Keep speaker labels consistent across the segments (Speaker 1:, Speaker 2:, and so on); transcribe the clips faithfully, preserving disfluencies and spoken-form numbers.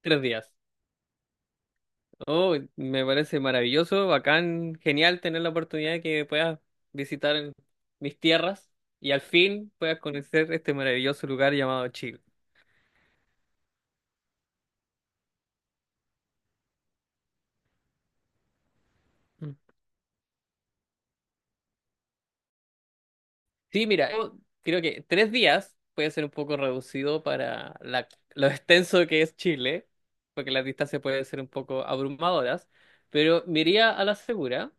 Speaker 1: Tres días. Oh, me parece maravilloso, bacán, genial tener la oportunidad de que puedas visitar mis tierras y al fin puedas conocer este maravilloso lugar llamado Chile. Mm. Sí, mira, yo creo que tres días puede ser un poco reducido para la- lo extenso que es Chile, porque las distancias pueden ser un poco abrumadoras, pero me iría a la segura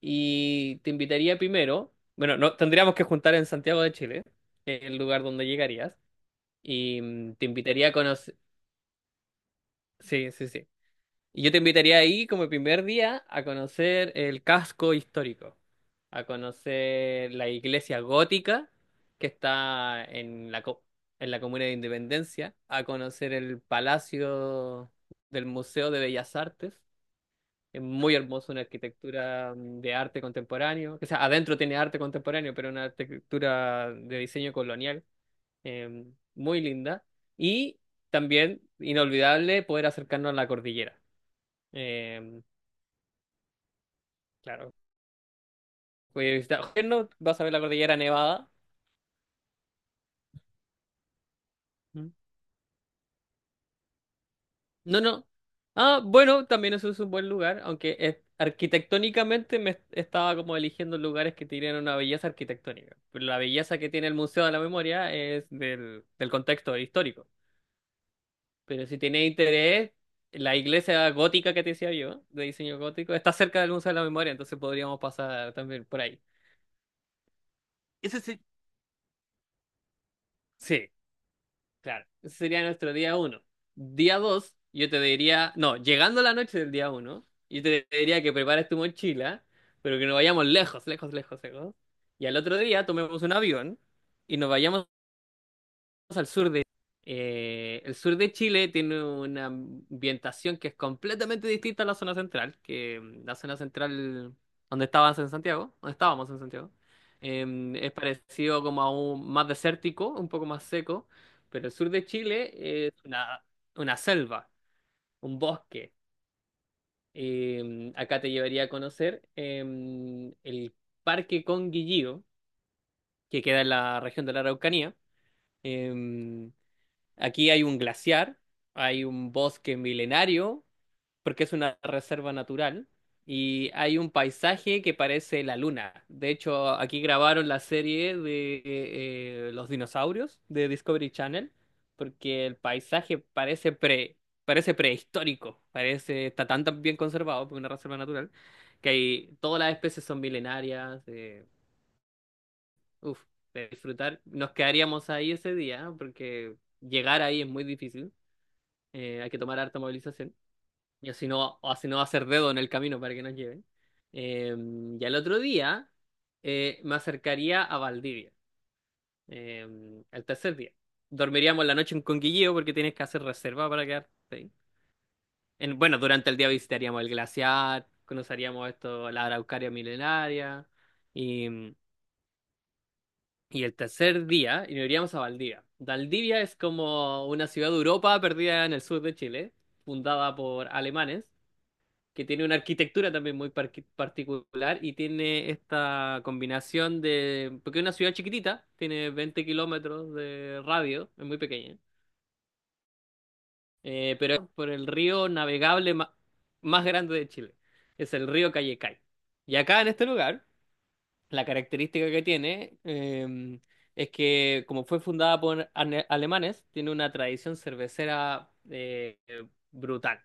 Speaker 1: y te invitaría primero, bueno, no, tendríamos que juntar en Santiago de Chile, que es el lugar donde llegarías. Y mm, te invitaría a conocer. Sí, sí, sí. Y yo te invitaría ahí como primer día a conocer el casco histórico, a conocer la iglesia gótica que está en la, co- en la comuna de Independencia, a conocer el palacio del Museo de Bellas Artes. Es muy hermoso, una arquitectura mm, de arte contemporáneo. O sea, adentro tiene arte contemporáneo, pero una arquitectura de diseño colonial eh, muy linda. Y también, inolvidable, poder acercarnos a la cordillera. Eh, claro, voy a visitar Osorno, vas a ver la cordillera nevada. ¿Mm? No, no. Ah, bueno, también eso es un buen lugar, aunque es- arquitectónicamente me estaba como eligiendo lugares que tienen una belleza arquitectónica. Pero la belleza que tiene el Museo de la Memoria es del, del contexto histórico. Pero si tienes interés, la iglesia gótica que te decía yo, de diseño gótico, está cerca del Museo de la Memoria, entonces podríamos pasar también por ahí. Ese sí. Sí, claro. Ese sería nuestro día uno. Día dos, yo te diría, no, llegando la noche del día uno, yo te diría que prepares tu mochila, pero que nos vayamos lejos, lejos, lejos, lejos. Y al otro día tomemos un avión y nos vayamos al sur de... eh, el sur de Chile tiene una ambientación que es completamente distinta a la zona central, que mm, la zona central donde estabas en Santiago, donde estábamos en Santiago, em, es parecido como a un más desértico, un poco más seco, pero el sur de Chile es una, una selva, un bosque. Em, acá te llevaría a conocer em, el Parque Conguillío, que queda en la región de la Araucanía. Em, Aquí hay un glaciar, hay un bosque milenario, porque es una reserva natural, y hay un paisaje que parece la luna. De hecho, aquí grabaron la serie de eh, eh, los dinosaurios de Discovery Channel, porque el paisaje parece pre, parece prehistórico, parece, está tan, tan bien conservado, porque es una reserva natural, que hay, todas las especies son milenarias. eh, uf, de disfrutar, nos quedaríamos ahí ese día, porque llegar ahí es muy difícil. Eh, hay que tomar harta movilización. Y así no, o así no va a ser dedo en el camino para que nos lleven. Eh, y al otro día eh, me acercaría a Valdivia. Eh, al tercer día. Dormiríamos la noche en Conguilleo porque tienes que hacer reserva para quedarte ahí. En- bueno, durante el día visitaríamos el glaciar, conoceríamos esto, la Araucaria milenaria. Y, y el tercer día y nos iríamos a Valdivia. Valdivia es como una ciudad de Europa perdida en el sur de Chile, fundada por alemanes que tiene una arquitectura también muy parqui- particular y tiene esta combinación de, porque es una ciudad chiquitita, tiene veinte kilómetros de radio, es muy pequeña, eh, pero es por el río navegable ma- más grande de Chile, es el río Callecay. Y acá en este lugar, la característica que tiene eh, es que como fue fundada por ane- alemanes, tiene una tradición cervecera eh, brutal.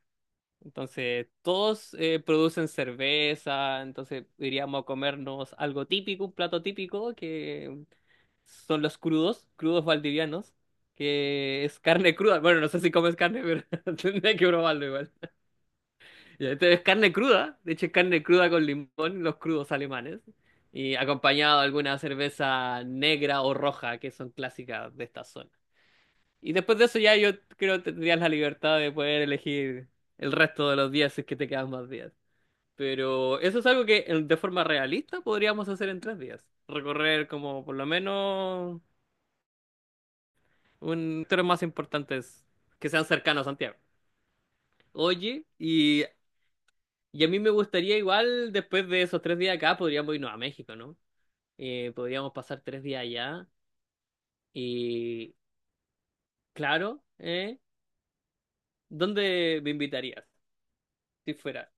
Speaker 1: Entonces, todos eh, producen cerveza, entonces iríamos a comernos algo típico, un plato típico, que son los crudos, crudos valdivianos, que es carne cruda. Bueno, no sé si comes carne, pero tendría que probarlo igual. Y este es carne cruda, de hecho es carne cruda con limón, los crudos alemanes, y acompañado de alguna cerveza negra o roja, que son clásicas de esta zona. Y después de eso ya yo creo que tendrías la libertad de poder elegir el resto de los días si es que te quedan más días. Pero eso es algo que en- de forma realista podríamos hacer en tres días. Recorrer como por lo menos un tres más importantes que sean cercanos a Santiago. Oye, y, y a mí me gustaría igual después de esos tres días acá podríamos irnos a México, ¿no? Eh, podríamos pasar tres días allá y claro, ¿eh? ¿Dónde me invitarías si fuera?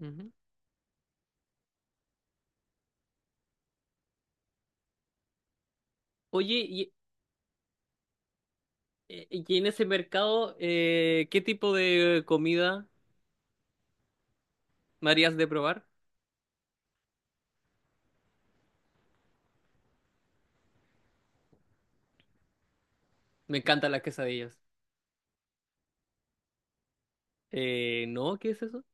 Speaker 1: Ujú. Oye, y, eh, y en ese mercado, eh, ¿qué tipo de comida me harías de probar? Me encantan las quesadillas. Eh, no, ¿qué es eso?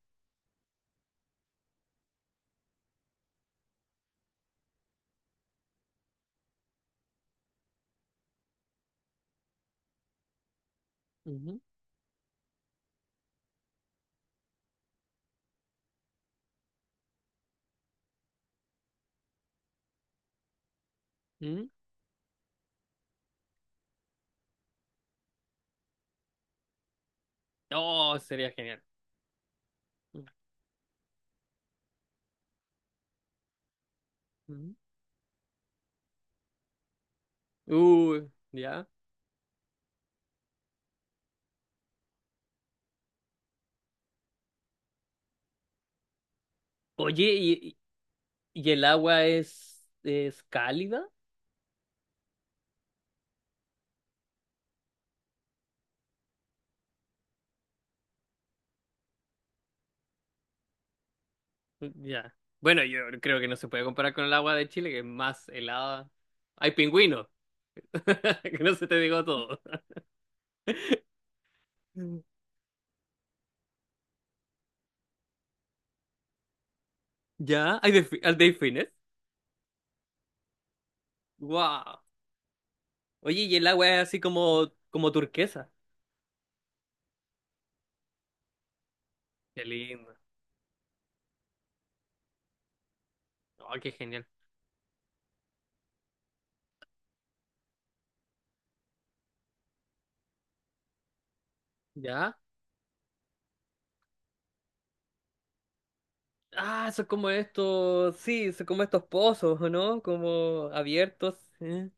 Speaker 1: Ujú, ujú. Oh, sería genial. Ujú. Uy, ya. Oye, ¿y, ¿y el agua es, es cálida? Mm, ya. Bueno, yo creo que no se puede comparar con el agua de Chile, que es más helada. Hay pingüinos, que no se te digo todo. Mm. ¿Ya? ¿Hay, delfi- ¿hay delfines? ¡Wow! Oye, y el agua es así como, como turquesa. Qué lindo. Oh, qué genial. ¿Ya? Ah, son como estos, sí, son como estos pozos, ¿o ¿no? Como abiertos. eh,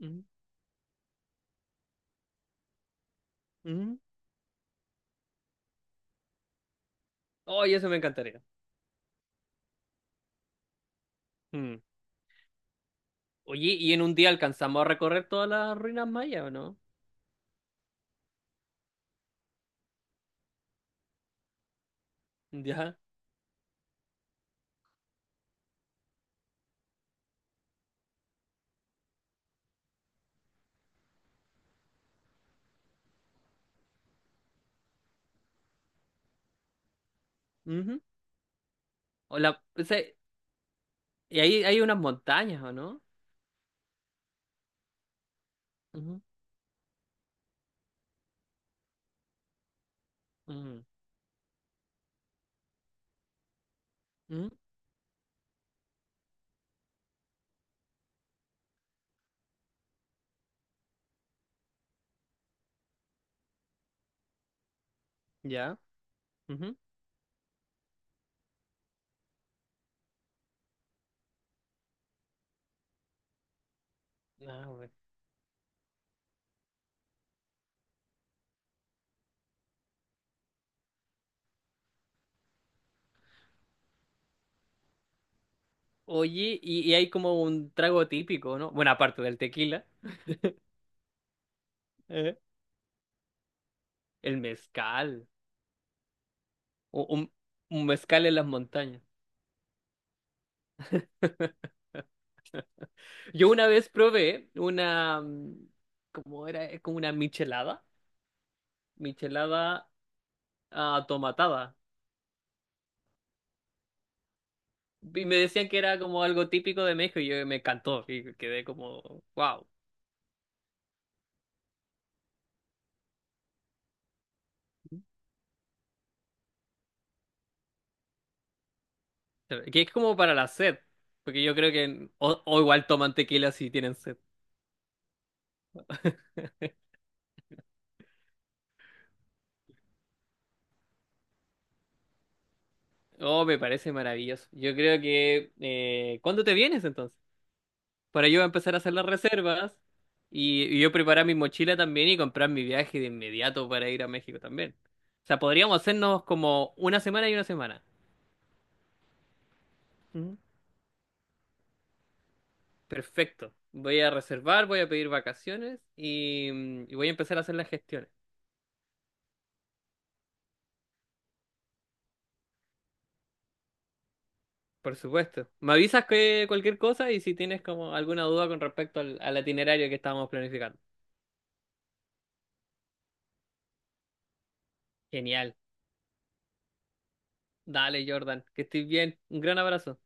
Speaker 1: mm, mm. Oh, y eso me encantaría. Mm. Oye, ¿y en un día alcanzamos a recorrer todas las ruinas mayas, o no? Ya. Ujú. O la, o sea, y ahí hay unas montañas, ¿o no? Ujú, ujú, ujú, ya. Ujú. Ah, bueno. Oye, y, y hay como un trago típico, ¿no? Bueno, aparte del tequila, eh, el mezcal. O, un, un mezcal en las montañas. Yo una vez probé una, mm, ¿cómo era? Es como una michelada, michelada ah, tomatada. Y me decían que era como algo típico de México y yo me encantó y quedé como, wow. Que es como para la sed, porque yo creo que o, o igual toman tequila si tienen sed. Oh, me parece maravilloso. Yo creo que... eh, ¿cuándo te vienes entonces? Para yo empezar a hacer las reservas y, y yo preparar mi mochila también y comprar mi viaje de inmediato para ir a México también. O sea, podríamos hacernos como una semana y una semana. Ujú. Perfecto. Voy a reservar, voy a pedir vacaciones y, mm, y voy a empezar a hacer las gestiones. Por supuesto. Me avisas que cualquier cosa y si tienes como alguna duda con respecto al, al itinerario que estábamos planificando. Genial. Dale, Jordan, que estés bien. Un gran abrazo.